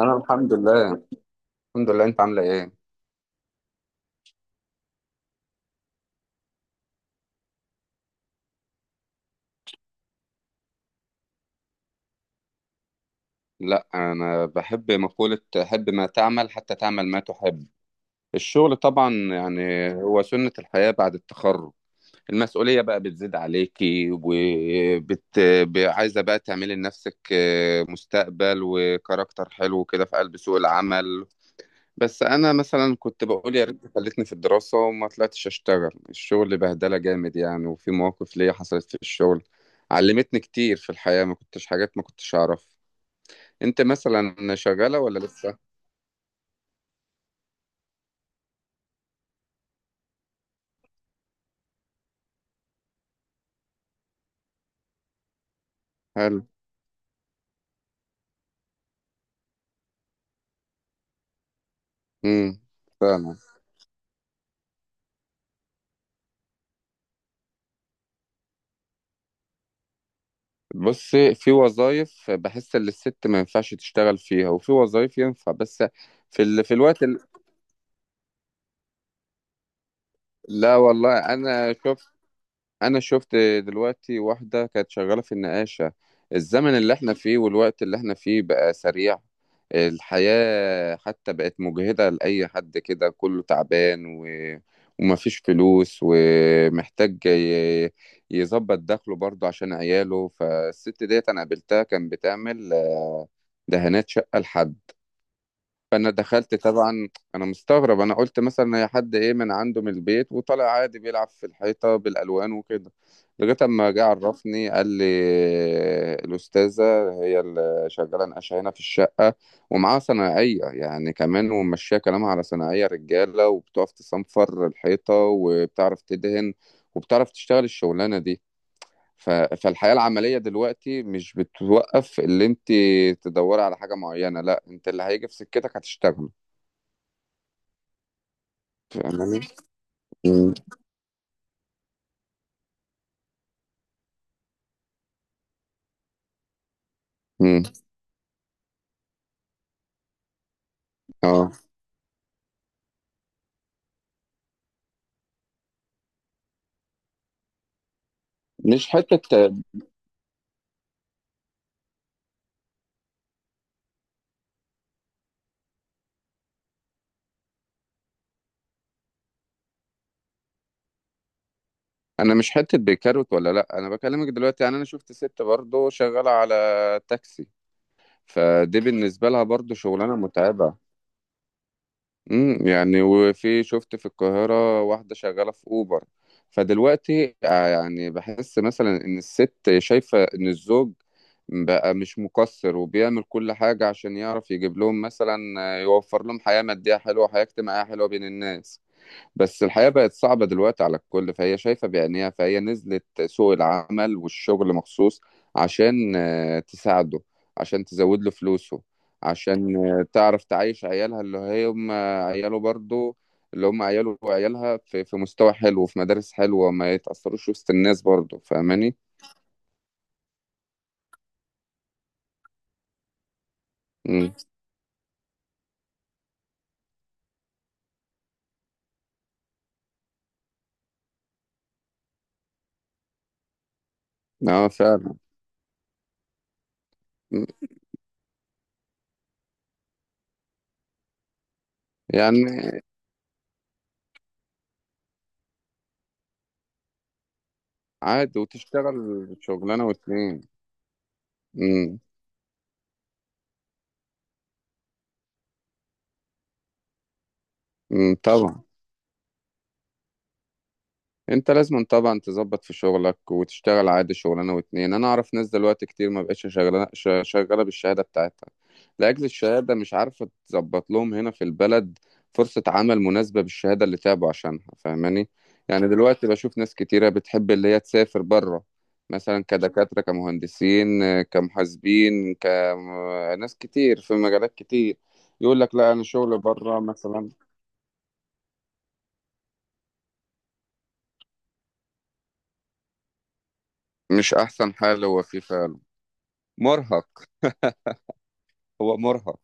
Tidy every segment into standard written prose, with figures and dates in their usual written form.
انا الحمد لله. الحمد لله، انت عامله ايه؟ لا انا بحب مقولة حب ما تعمل حتى تعمل ما تحب. الشغل طبعا يعني هو سنة الحياة بعد التخرج. المسؤولية بقى بتزيد عليكي عايزة بقى تعملي لنفسك مستقبل وكاركتر حلو كده في قلب سوق العمل. بس انا مثلا كنت بقول يا ريت خلتني في الدراسه وما طلعتش اشتغل. الشغل بهدله جامد يعني، وفي مواقف ليا حصلت في الشغل علمتني كتير في الحياه، ما كنتش حاجات ما كنتش اعرف. انت مثلا شغاله ولا لسه؟ هل. امم. فاهمة. بص، في وظايف بحس ان الست ما ينفعش تشتغل فيها وفي وظايف ينفع بس. في ال... في الوقت ال... لا والله انا شفت. انا شفت دلوقتي واحدة كانت شغالة في النقاشة. الزمن اللي احنا فيه والوقت اللي احنا فيه بقى سريع. الحياة حتى بقت مجهدة لأي حد كده، كله تعبان ومفيش فلوس، ومحتاج يظبط دخله برضه عشان عياله. فالست ديت انا قابلتها كان بتعمل دهانات شقة لحد. فانا دخلت طبعا، انا مستغرب، انا قلت مثلا هي حد ايه من عنده من البيت وطلع عادي بيلعب في الحيطه بالالوان وكده، لغايه اما جه عرفني قال لي الاستاذه هي اللي شغاله نقاشه هنا في الشقه، ومعاها صنايعيه يعني كمان، وماشيه كلامها على صنايعيه رجاله، وبتقف تصنفر الحيطه، وبتعرف تدهن، وبتعرف تشتغل الشغلانه دي. فالحياة العملية دلوقتي مش بتوقف. اللي انت تدوري على حاجة معينة، لا، انت اللي هيجي في سكتك هتشتغل. فاهماني؟ امم. امم. اه. مش حته. انا مش حته بكروت ولا لا، انا بكلمك دلوقتي. يعني انا شفت ست برضه شغاله على تاكسي، فدي بالنسبه لها برضه شغلانه متعبه. امم. يعني وفي شفت في القاهره واحده شغاله في اوبر. فدلوقتي يعني بحس مثلا ان الست شايفه ان الزوج بقى مش مقصر، وبيعمل كل حاجه عشان يعرف يجيب لهم مثلا، يوفر لهم حياه ماديه حلوه، حياه اجتماعيه حلوه بين الناس. بس الحياة بقت صعبة دلوقتي على الكل، فهي شايفة بعينيها، فهي نزلت سوق العمل والشغل مخصوص عشان تساعده، عشان تزود له فلوسه، عشان تعرف تعيش عيالها اللي هم عياله برضو، اللي هم عياله وعيالها في مستوى حلو وفي مدارس حلوة، ما يتأثروش وسط الناس برضو. فاهماني؟ مم. اه فعلا. مم. يعني عادي وتشتغل شغلانة واتنين. مم. مم. طبعا. انت لازم طبعا تظبط في شغلك وتشتغل عادي شغلانه واتنين. انا اعرف ناس دلوقتي كتير ما بقتش شغاله شغاله بالشهاده بتاعتها، لاجل الشهاده مش عارفه تظبط لهم هنا في البلد فرصه عمل مناسبه بالشهاده اللي تعبوا عشانها. فاهماني؟ يعني دلوقتي بشوف ناس كتيره بتحب اللي هي تسافر بره، مثلا كدكاتره، كمهندسين، كمحاسبين، كناس كتير في مجالات كتير، يقول لك لا انا شغل بره مثلا. مش احسن حال هو فيه فعلا. مرهق. هو مرهق.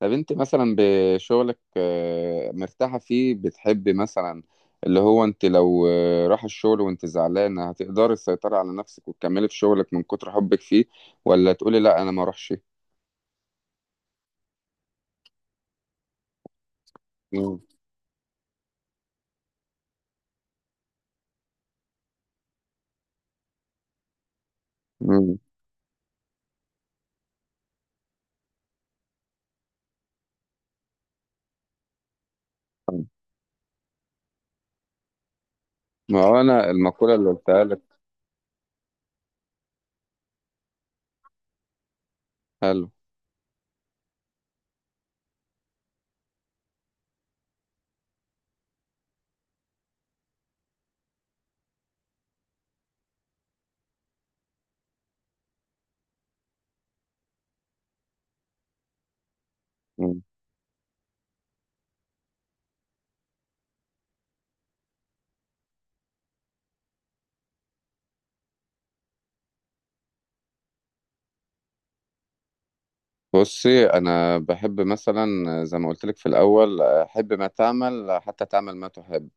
طب انت مثلا بشغلك مرتاحة فيه؟ بتحبي مثلا اللي هو انت لو راح الشغل وانت زعلانة، هتقدري تسيطري على نفسك وتكملي في شغلك من كتر حبك فيه؟ ولا تقولي لا انا ما اروحش؟ مم. مم. ما هو انا المقولة اللي قلتها لك. حلو. مم. بصي، انا بحب مثلا زي ما قلت لك في الاول، حب ما تعمل حتى تعمل ما تحب.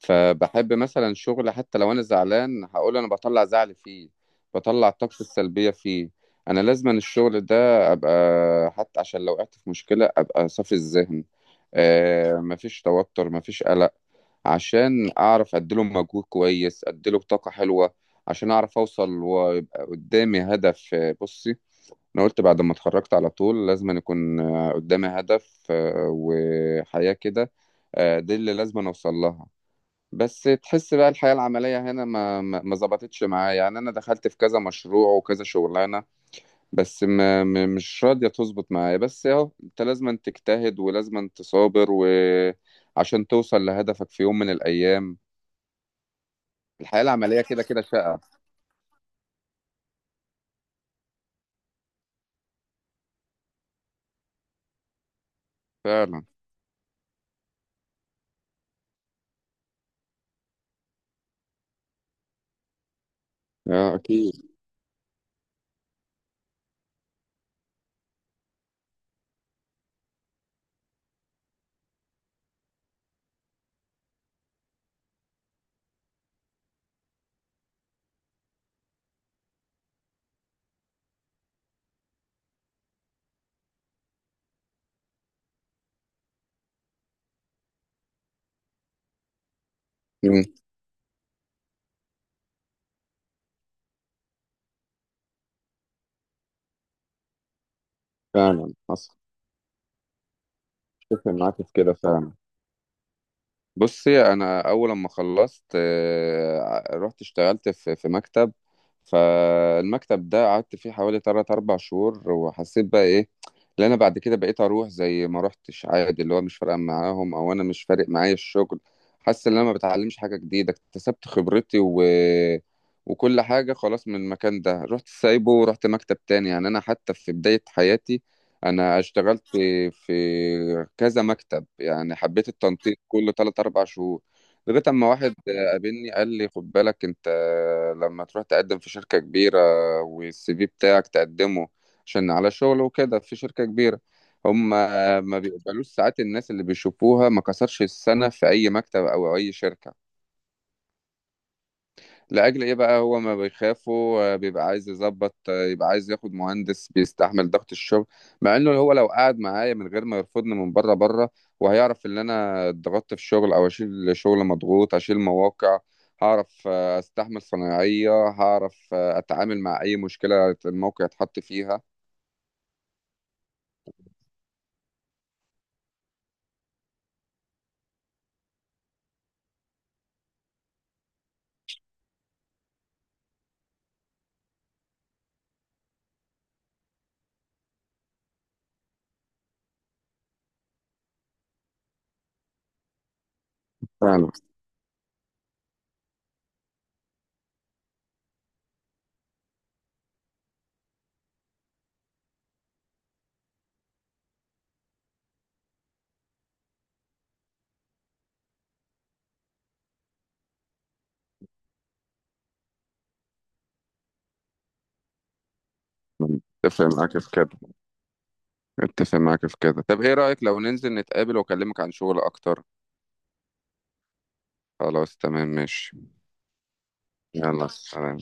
فبحب مثلا شغل حتى لو انا زعلان، هقول انا بطلع زعلي فيه، بطلع طاقتي السلبيه فيه. انا لازم الشغل ده ابقى حتى عشان لو وقعت في مشكله ابقى صافي الذهن. آه، مفيش توتر، مفيش قلق، عشان اعرف اديله مجهود كويس، اديله طاقه حلوه، عشان اعرف اوصل، ويبقى قدامي هدف. بصي، انا قلت بعد ما اتخرجت على طول لازم أن يكون قدامي هدف، وحياه كده، دي اللي لازم أن اوصل لها. بس تحس بقى الحياة العملية هنا ما ظبطتش معايا. يعني أنا دخلت في كذا مشروع وكذا شغلانة، بس مش راضية تظبط معايا. بس أهو أنت لازم تجتهد ولازم تصابر وعشان توصل لهدفك في يوم من الأيام. الحياة العملية كده كده شقة. فعلا. أكيد. مم. فعلا حصل. أتفق معاك في كده فعلا. بصي، انا اول لما خلصت رحت اشتغلت في مكتب. فالمكتب ده قعدت فيه حوالي 3 4 شهور، وحسيت بقى ايه اللي انا بعد كده بقيت اروح زي ما روحتش عادي، اللي هو مش فارقه معاهم او انا مش فارق معايا الشغل، حاسس ان انا ما بتعلمش حاجه جديده، اكتسبت خبرتي وكل حاجه، خلاص من المكان ده رحت سايبه ورحت مكتب تاني. يعني انا حتى في بدايه حياتي انا اشتغلت في كذا مكتب، يعني حبيت التنطيط كل 3 4 شهور، لغايه اما واحد قابلني قال لي خد بالك انت لما تروح تقدم في شركه كبيره والسي في بتاعك تقدمه عشان على شغل وكده في شركه كبيره، هم ما بيقبلوش ساعات الناس اللي بيشوفوها ما كسرش السنه في اي مكتب او اي شركه. لأجل إيه بقى؟ هو ما بيخافوا، بيبقى عايز يظبط، يبقى عايز ياخد مهندس بيستحمل ضغط الشغل. مع إنه هو لو قعد معايا من غير ما يرفضني من بره بره، وهيعرف إن أنا اتضغطت في الشغل أو أشيل شغل مضغوط، أشيل مواقع، هعرف أستحمل صنايعية، هعرف أتعامل مع أي مشكلة الموقع اتحط فيها. فعلا. اتفق معاك في كده. اتفق معاك في كده. طب ايه رأيك لو ننزل نتقابل واكلمك عن شغل اكتر؟ خلاص تمام، ماشي. يلا سلام.